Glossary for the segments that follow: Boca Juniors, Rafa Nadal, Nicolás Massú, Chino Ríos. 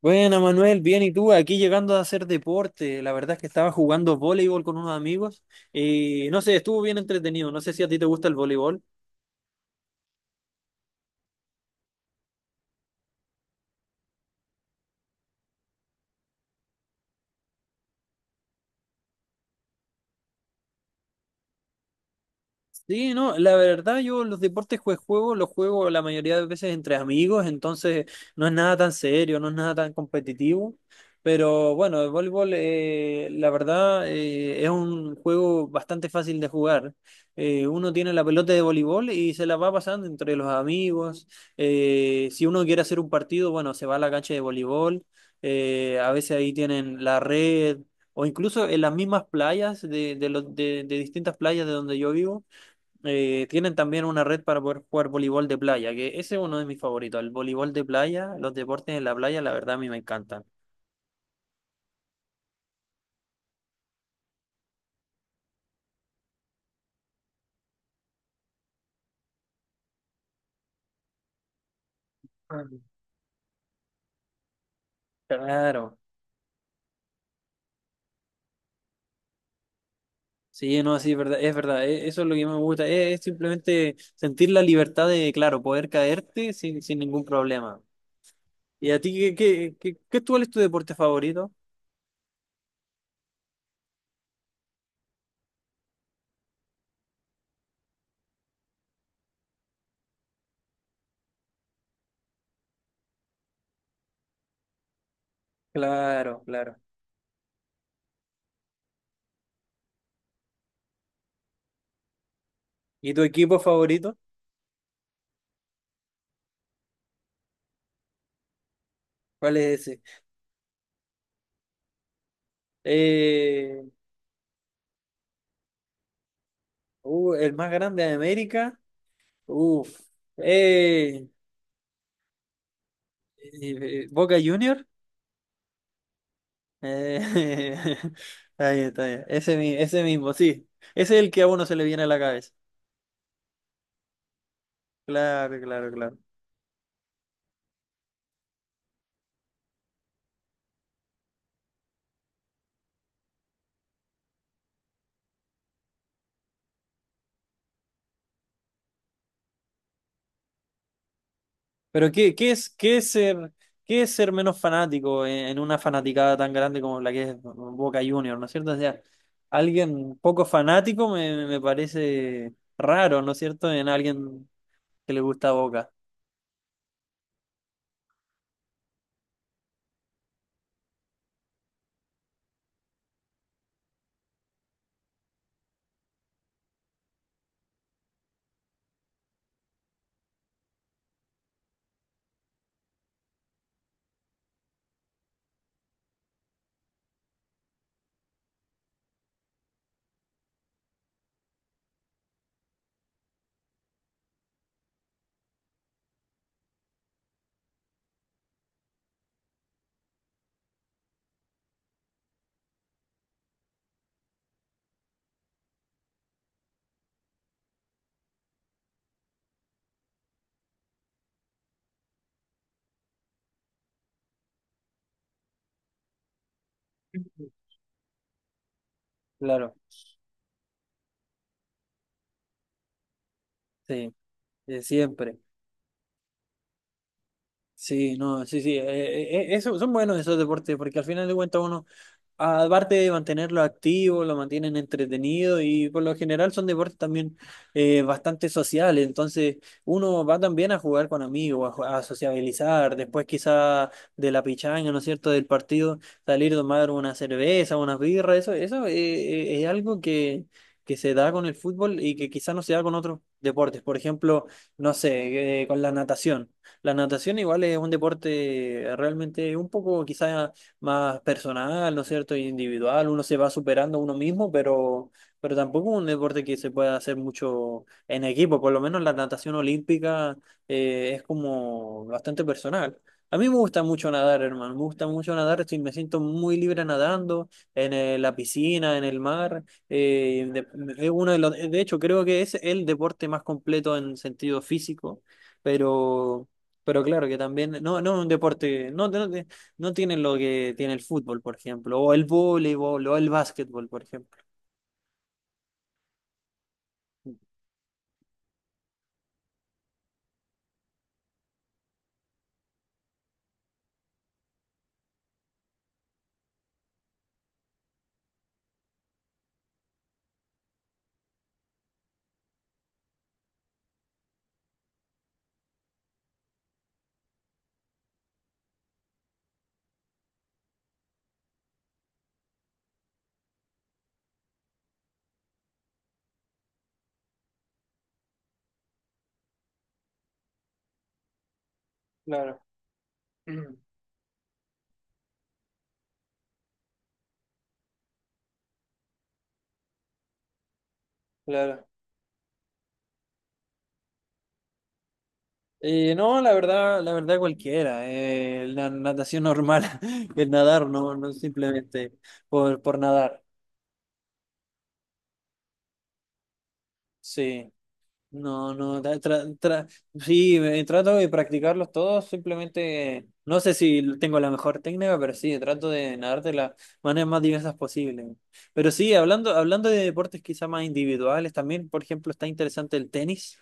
Bueno, Manuel, bien, ¿y tú? Aquí llegando a hacer deporte. La verdad es que estaba jugando voleibol con unos amigos y no sé, estuvo bien entretenido. No sé si a ti te gusta el voleibol. Sí, no, la verdad yo los deportes que juego, los juego la mayoría de veces entre amigos, entonces no es nada tan serio, no es nada tan competitivo, pero bueno, el voleibol la verdad es un juego bastante fácil de jugar. Uno tiene la pelota de voleibol y se la va pasando entre los amigos. Si uno quiere hacer un partido, bueno, se va a la cancha de voleibol, a veces ahí tienen la red. O incluso en las mismas playas de distintas playas de donde yo vivo, tienen también una red para poder jugar voleibol de playa, que ese es uno de mis favoritos. El voleibol de playa, los deportes en la playa, la verdad a mí me encantan. Ah, claro, sí, no, sí, es verdad, eso es lo que me gusta, es, simplemente sentir la libertad de, claro, poder caerte sin ningún problema. ¿Y a ti cuál es tu deporte favorito? Claro, claro. ¿Y tu equipo favorito? ¿Cuál es ese? Eh, el más grande de América. Uf. Eh, Boca Junior. Eh, Está bien, está bien. Ese, ese mismo, sí. Ese es el que a uno se le viene a la cabeza. Claro, claro, claro. Pero, ¿qué es ser menos fanático en una fanaticada tan grande como la que es Boca Juniors? ¿No es cierto? O sea, alguien poco fanático me parece raro, ¿no es cierto? En alguien que le gusta Boca. Claro, sí, de siempre. Sí, no, sí, sí. Eso, son buenos esos deportes porque al final de cuentas uno, aparte de mantenerlo activo, lo mantienen entretenido y por lo general son deportes también, bastante sociales. Entonces uno va también a jugar con amigos, a sociabilizar. Después quizá de la pichanga, ¿no es cierto?, del partido, salir a tomar una cerveza, unas birras. Eso es algo que se da con el fútbol y que quizá no se da con otros deportes. Por ejemplo, no sé, con la natación. La natación igual es un deporte realmente un poco quizá más personal, ¿no es cierto? Y individual, uno se va superando a uno mismo, pero tampoco es un deporte que se pueda hacer mucho en equipo, por lo menos la natación olímpica es como bastante personal. A mí me gusta mucho nadar, hermano, me gusta mucho nadar, me siento muy libre nadando en la piscina, en el mar. De, es uno de, los, De hecho, creo que es el deporte más completo en sentido físico, pero... Pero claro que también, no, no es un deporte, no, no, no tienen lo que tiene el fútbol, por ejemplo, o el voleibol, o el básquetbol, por ejemplo. Claro, claro. No, la verdad cualquiera. La natación normal, el nadar, no, no simplemente por nadar. Sí. No, no, sí, trato de practicarlos todos, simplemente no sé si tengo la mejor técnica, pero sí, trato de nadar de las maneras más diversas posibles. Pero sí, hablando de deportes quizá más individuales, también, por ejemplo, está interesante el tenis,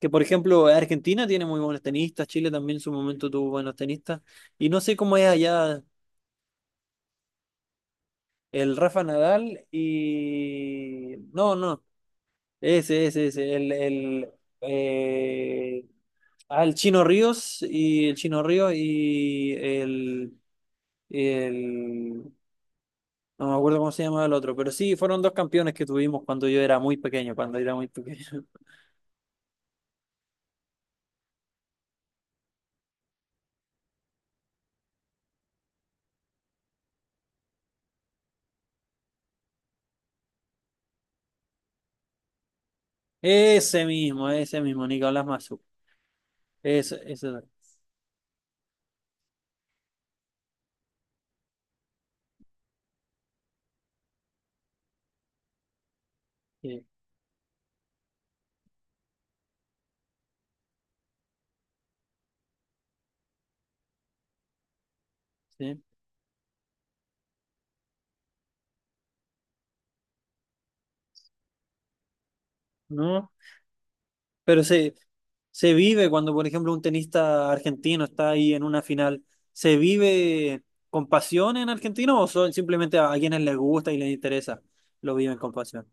que por ejemplo Argentina tiene muy buenos tenistas, Chile también en su momento tuvo buenos tenistas, y no sé cómo es allá el Rafa Nadal y... No, no, ese, eh, el Chino Ríos y el Chino Ríos y el- no me acuerdo cómo se llama el otro, pero sí, fueron dos campeones que tuvimos cuando yo era muy pequeño, cuando era muy pequeño. Ese mismo, Nicolás Massú. Ese, sí, sí, ¿no? Pero se vive cuando, por ejemplo, un tenista argentino está ahí en una final, ¿se vive con pasión en Argentina o son simplemente a quienes les gusta y les interesa, lo viven con pasión?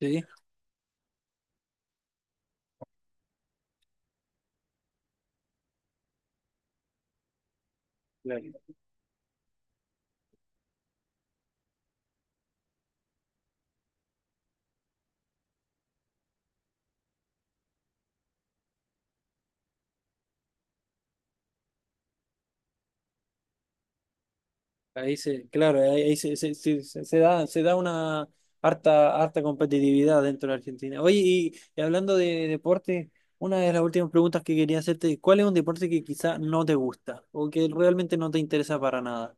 Sí. Claro. Claro, ahí se da una harta, harta competitividad dentro de Argentina. Oye, y hablando de deporte, una de las últimas preguntas que quería hacerte, ¿cuál es un deporte que quizá no te gusta o que realmente no te interesa para nada?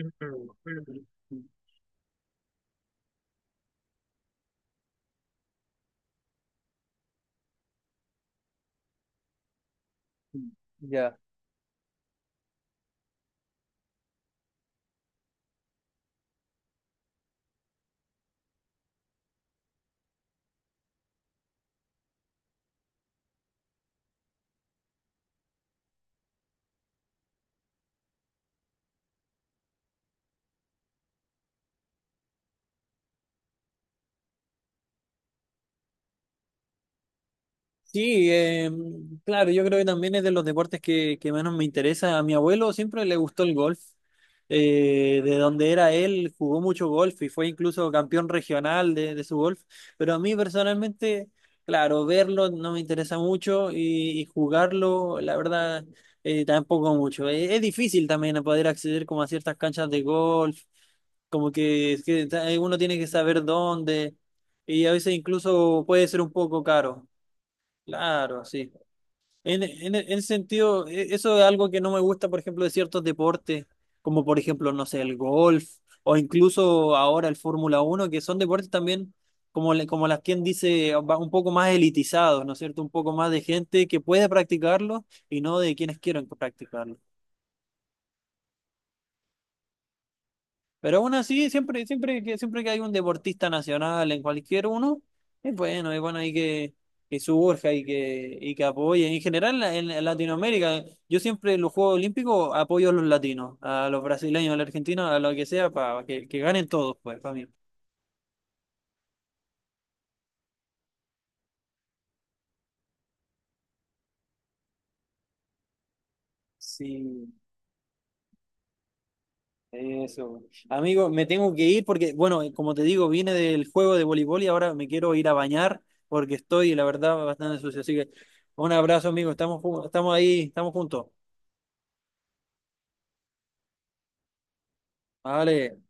Mm, mm, mm. Ya. Sí, claro, yo creo que también es de los deportes que menos me interesa. A mi abuelo siempre le gustó el golf. De donde era él, jugó mucho golf y fue incluso campeón regional de su golf. Pero a mí personalmente, claro, verlo no me interesa mucho y jugarlo, la verdad, tampoco mucho. Es difícil también poder acceder como a ciertas canchas de golf, como que, es que uno tiene que saber dónde, y a veces incluso puede ser un poco caro. Claro, sí. En ese sentido, eso es algo que no me gusta, por ejemplo, de ciertos deportes, como por ejemplo, no sé, el golf o incluso ahora el Fórmula 1, que son deportes también, como, como las quien dice, un poco más elitizados, ¿no es cierto? Un poco más de gente que puede practicarlo y no de quienes quieren practicarlo. Pero aún así, siempre que hay un deportista nacional en cualquier uno, es bueno ahí que, surja y que apoye. En general, en Latinoamérica, yo siempre en los Juegos Olímpicos apoyo a los latinos, a los brasileños, a los argentinos, a lo que sea, para que ganen todos, pues, para mí. Sí, eso. Amigo, me tengo que ir porque, bueno, como te digo, vine del juego de voleibol y ahora me quiero ir a bañar porque estoy, la verdad, bastante sucio. Así que un abrazo, amigo. Estamos ahí, estamos juntos. Vale.